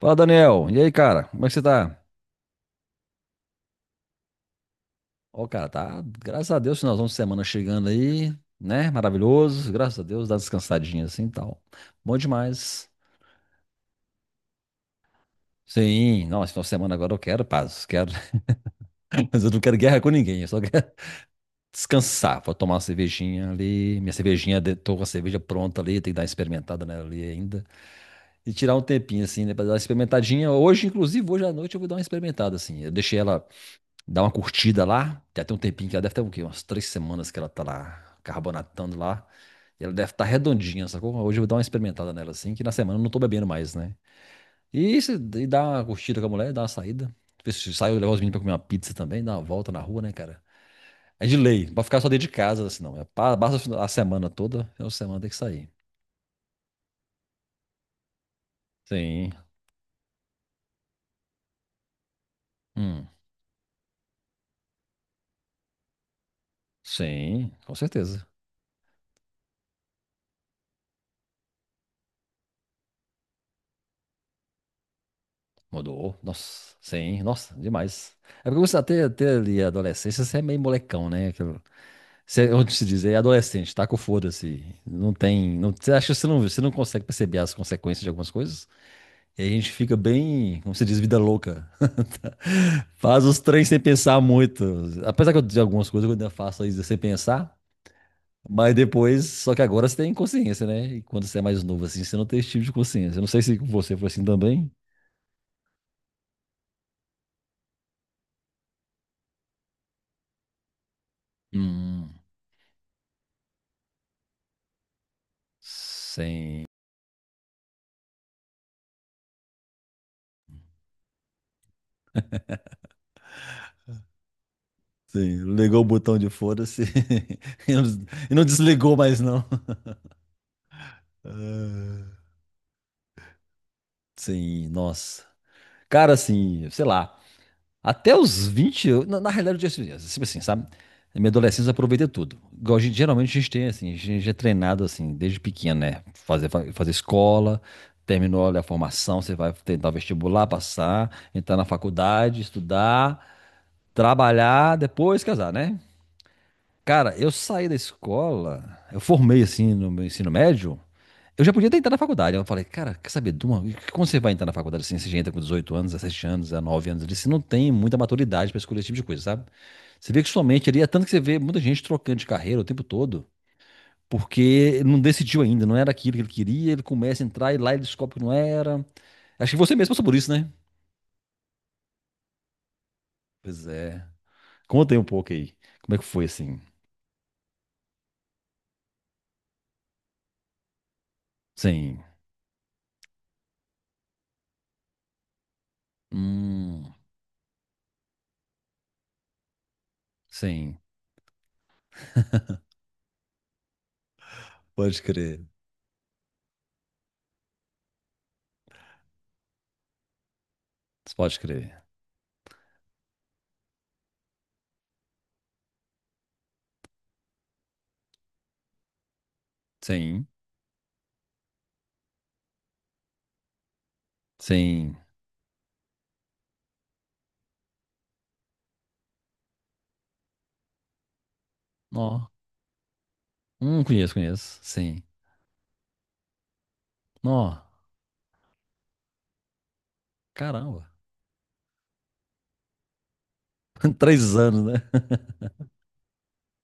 Fala, Daniel. E aí, cara? Como é que você tá? Ó, cara, tá. Graças a Deus, finalzão de semana chegando aí, né? Maravilhoso. Graças a Deus, dá uma descansadinha assim e tal. Bom demais. Sim, não, esse final de semana agora eu quero paz, quero, mas eu não quero guerra com ninguém, eu só quero descansar. Vou tomar uma cervejinha ali, minha cervejinha, tô com a cerveja pronta ali, tem que dar uma experimentada nela ali ainda. E tirar um tempinho assim, né, pra dar uma experimentadinha. Hoje, inclusive, hoje à noite eu vou dar uma experimentada assim. Eu deixei ela dá uma curtida lá. Tem até um tempinho que ela deve ter o quê? Umas três semanas que ela tá lá carbonatando lá. E ela deve estar redondinha, sacou? Hoje eu vou dar uma experimentada nela assim, que na semana eu não tô bebendo mais, né? E, se, e dá uma curtida com a mulher, dá uma saída. Ver se sai, eu levar os meninos pra comer uma pizza também, dar uma volta na rua, né, cara? É de lei, não pode ficar só dentro de casa, assim, não. É, basta a semana toda, é uma semana tem que sair. Sim. Hum. Sim, com certeza. Mudou. Nossa, sim, nossa, demais. É porque você até ali a adolescência, você é meio molecão, né? Você, onde se diz, é adolescente, tá com foda-se. Não tem. Não, você acha que você não consegue perceber as consequências de algumas coisas? E a gente fica bem, como se diz, vida louca. Faz os trens sem pensar muito. Apesar que eu dizer algumas coisas, eu ainda faço isso sem pensar. Mas depois, só que agora você tem consciência, né? E quando você é mais novo assim, você não tem esse tipo de consciência. Eu não sei se com você foi assim também. Hum, sim. Sim, ligou o botão de foda-se e não des- e não desligou mais, não. Ah. Sim, nossa. Cara, assim, sei lá, até os 20 na realidade, eu tinha assim, assim, sabe? Na minha adolescência eu aproveitei tudo. Igual geralmente a gente tem, assim, a gente é treinado, assim, desde pequeno, né? Fazer escola, terminou ali a formação, você vai tentar vestibular, passar, entrar na faculdade, estudar, trabalhar, depois casar, né? Cara, eu saí da escola, eu formei, assim, no meu ensino médio, eu já podia ter entrado na faculdade. Eu falei, cara, quer saber, Duma, como você vai entrar na faculdade assim? Você já entra com 18 anos, 17 anos, 19 anos ali, você não tem muita maturidade pra escolher esse tipo de coisa, sabe? Você vê que somente ali, é tanto que você vê muita gente trocando de carreira o tempo todo, porque não decidiu ainda, não era aquilo que ele queria, ele começa a entrar e lá ele descobre que não era. Acho que você mesmo passou por isso, né? Pois é. Conta aí um pouco aí. Como é que foi assim? Sim. Hum, sim. Pode crer. Pode crer. Sim. Sim. Ó. Conheço, conheço. Sim. Não, caramba. Três anos, né?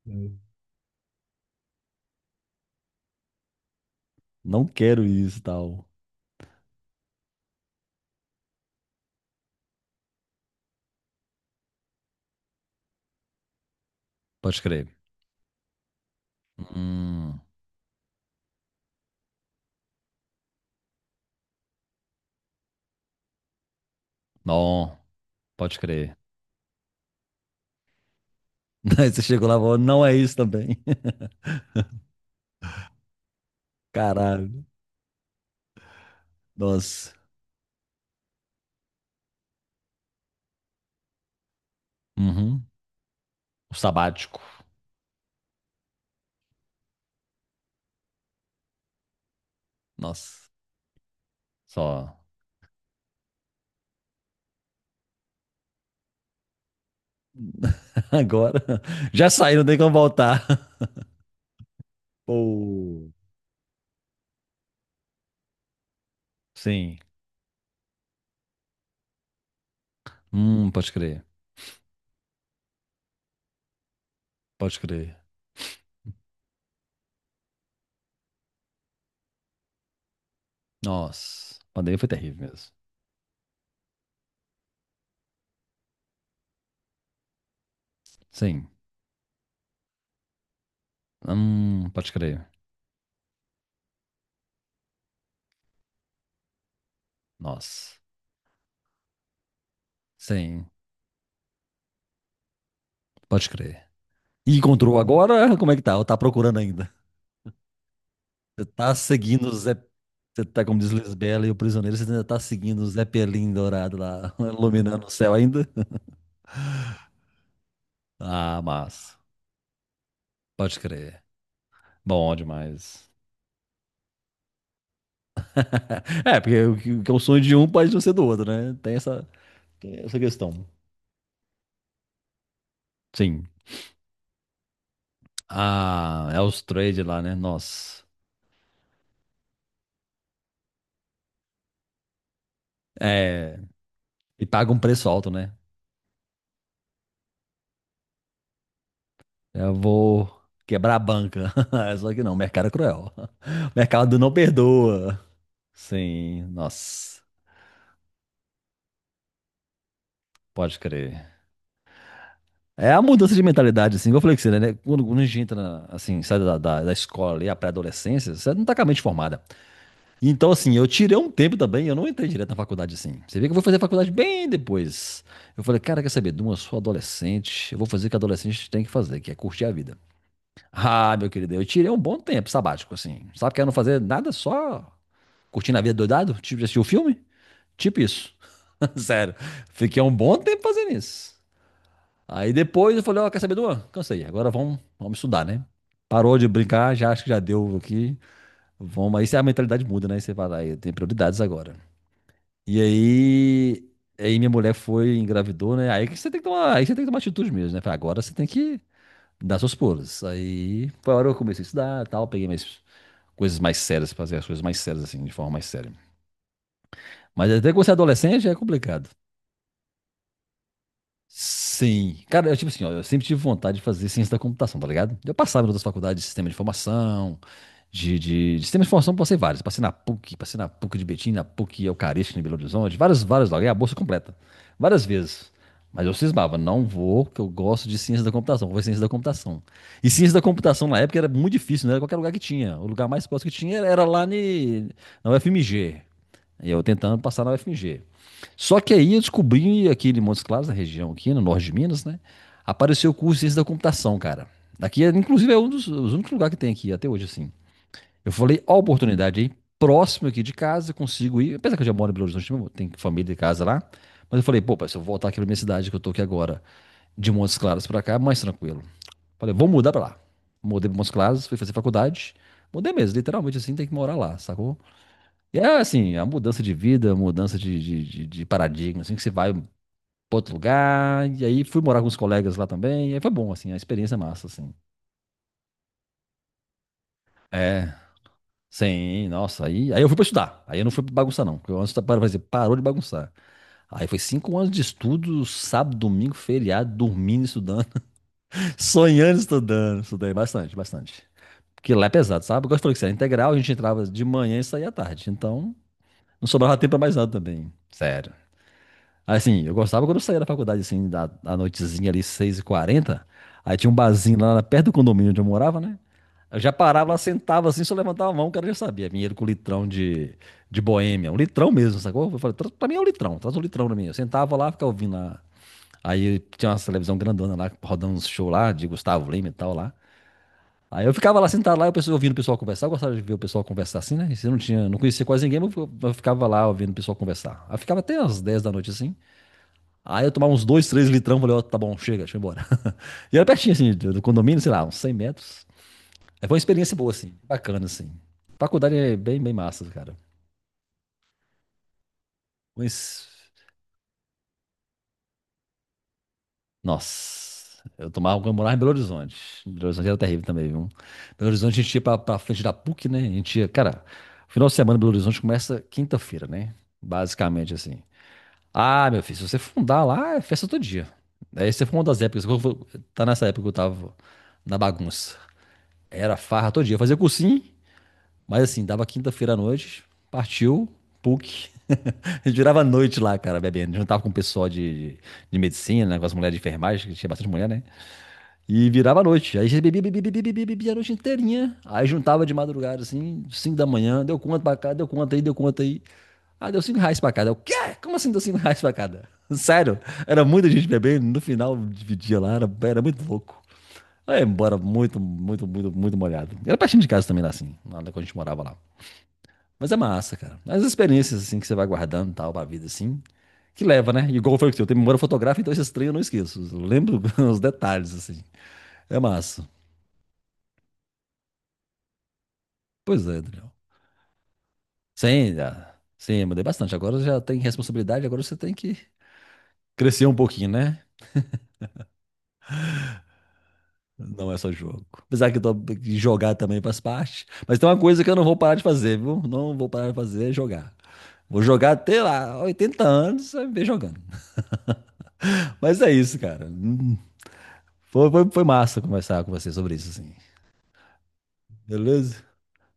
Hum. Não quero isso e tal. Pode crer. Hum, não, pode crer. Aí você chegou lá e falou, não é isso também. Caralho. Nossa. Uhum. O sabático. Nossa. Só. Agora. Já saí, não tem como voltar. Pô. Sim. Pode crer. Pode crer. Nossa. A pandemia foi terrível mesmo. Sim. Pode crer. Nossa. Sim. Pode crer. E encontrou agora? Como é que tá? Ou tá procurando ainda? Você tá seguindo o Zé. Você tá, como diz Lisbela e o prisioneiro, você ainda tá seguindo o Zé Pelim dourado lá, iluminando o céu ainda? Ah, mas. Pode crer. Bom demais. É, porque o que é o sonho de um pode não ser do outro, né? Tem essa questão. Sim. Ah, é os trades lá, né? Nossa. É. E paga um preço alto, né? Eu vou quebrar a banca. Só que não, o mercado é cruel. O mercado não perdoa. Sim, nossa, pode crer. É a mudança de mentalidade, assim, igual eu falei com você, né? Quando a gente entra, assim, sai da escola ali, a pré-adolescência, você não tá com a mente formada. Então, assim, eu tirei um tempo também, eu não entrei direto na faculdade, assim. Você vê que eu vou fazer faculdade bem depois. Eu falei, cara, quer saber, Duma, eu sou adolescente, eu vou fazer o que adolescente tem que fazer, que é curtir a vida. Ah, meu querido, eu tirei um bom tempo sabático, assim. Sabe que eu não fazer nada, só curtindo a vida doidado, tipo de assistir o filme? Tipo isso. Sério, fiquei um bom tempo fazendo isso. Aí depois eu falei, ó, quer saber, Duan? Cansei, agora vamos estudar, né? Parou de brincar, já acho que já deu aqui. Vamos, aí a mentalidade muda, né? Você fala, aí tem prioridades agora. E aí, minha mulher foi, engravidou, né? Aí que você tem que tomar, aí você tem que tomar atitude mesmo, né? Falei, agora você tem que dar seus pulos. Aí foi a hora que eu comecei a estudar, tal, peguei minhas coisas mais sérias, fazer as coisas mais sérias assim, de forma mais séria. Mas até que você é adolescente é complicado. Sim. Cara, eu, tipo assim, ó, eu sempre tive vontade de fazer ciência da computação, tá ligado? Eu passava em outras faculdades de sistema de informação, passei vários. Passei na PUC de Betim, na PUC Eucarística, em Belo Horizonte, várias, várias, lá, ganhei a bolsa é completa. Várias vezes. Mas eu cismava, não vou, porque eu gosto de ciência da computação, vou fazer ciência da computação. E ciência da computação na época era muito difícil, não era qualquer lugar que tinha. O lugar mais próximo que tinha era lá na UFMG. E eu tentando passar na UFMG. Só que aí eu descobri aqui em Montes Claros, na região aqui, no norte de Minas, né? Apareceu o curso de ciência da computação, cara. Aqui, é, inclusive, é um dos, os únicos lugares que tem aqui até hoje, assim. Eu falei, ó, a oportunidade aí, próximo aqui de casa, consigo ir. Apesar que eu já moro em Belo Horizonte, tem família de casa lá. Mas eu falei, pô, pai, se eu voltar aqui pra minha cidade, que eu tô aqui agora, de Montes Claros pra cá, é mais tranquilo. Falei, vou mudar pra lá. Mudei pra Montes Claros, fui fazer faculdade. Mudei mesmo, literalmente assim, tem que morar lá, sacou? E é assim, a mudança de vida, a mudança de paradigma, assim, que você vai para outro lugar, e aí fui morar com os colegas lá também, e aí foi bom, assim, a experiência é massa, assim. É, sim, nossa, aí eu fui para estudar, aí eu não fui pra bagunçar não, porque eu antes, para dizer, parou de bagunçar. Aí foi 5 anos de estudo, sábado, domingo, feriado, dormindo, estudando, sonhando, estudando, estudei bastante, bastante. Porque lá é pesado, sabe? Porque eu falei que isso era integral, a gente entrava de manhã e saía à tarde, então não sobrava tempo pra mais nada também, sério. Assim, eu gostava quando eu saía da faculdade, assim, da noitezinha ali, 6:40. Aí tinha um barzinho lá perto do condomínio onde eu morava, né? Eu já parava lá, sentava assim, só levantava a mão, o cara já sabia. Vinha ele com litrão de boêmia, um litrão mesmo, sacou? Eu falei, pra mim é um litrão, traz um litrão pra mim". Eu sentava lá, ficava ouvindo lá. Aí tinha uma televisão grandona lá, rodando uns shows lá, de Gustavo Lima e tal lá. Aí eu ficava lá sentado lá, ouvindo o pessoal conversar. Eu gostava de ver o pessoal conversar assim, né? E se eu não tinha, não conhecia quase ninguém, mas eu ficava lá ouvindo o pessoal conversar. Aí ficava até às 10 da noite assim. Aí eu tomava uns dois, três litrão, falei, ó, tá bom, chega, deixa eu ir embora. E era pertinho, assim, do condomínio, sei lá, uns 100 metros. Aí foi uma experiência boa, assim, bacana, assim. Faculdade é bem, bem massa, cara. Mas, nossa, eu tomava quando eu morava em Belo Horizonte. Belo Horizonte era terrível também, viu? Belo Horizonte a gente ia pra frente da PUC, né? A gente ia, cara, final de semana em Belo Horizonte começa quinta-feira, né? Basicamente, assim. Ah, meu filho, se você fundar lá, é festa todo dia. Aí você foi uma das épocas, que tá nessa época que eu tava na bagunça. Era farra todo dia. Eu fazia cursinho, mas assim, dava quinta-feira à noite, partiu, PUC. A gente virava a noite lá, cara, bebendo. Juntava com o pessoal de medicina, né, com as mulheres de enfermagem, que tinha bastante mulher, né? E virava a noite. Aí a gente bebia, bebia, bebia, bebia, bebia a noite inteirinha. Aí juntava de madrugada, assim, 5 da manhã, deu conta pra cá, deu conta aí, deu conta aí. Ah, deu R$ 5 pra cada. Eu, quê? Como assim deu R$ 5 pra cada? Sério, era muita gente bebendo, no final dividia lá, era muito louco. Aí embora muito, muito, muito, muito molhado. Era pertinho de casa também lá, assim, lá quando a gente morava lá. Mas é massa, cara. As experiências, assim, que você vai guardando e tal, pra vida, assim, que leva, né? Igual foi o que eu tenho memória fotográfica, então esses três eu não esqueço. Eu lembro os detalhes, assim. É massa. Pois é, Daniel. Sim, sim, mudei bastante. Agora já tem responsabilidade, agora você tem que crescer um pouquinho, né? Não é só jogo. Apesar que eu tô, que jogar também faz parte. Mas tem uma coisa que eu não vou parar de fazer, viu? Não vou parar de fazer, é jogar. Vou jogar até lá, 80 anos, vai ver jogando. Mas é isso, cara. Foi massa conversar com você sobre isso, assim. Beleza?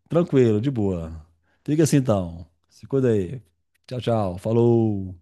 Tranquilo, de boa. Fica assim então. Se cuida aí. Tchau, tchau. Falou.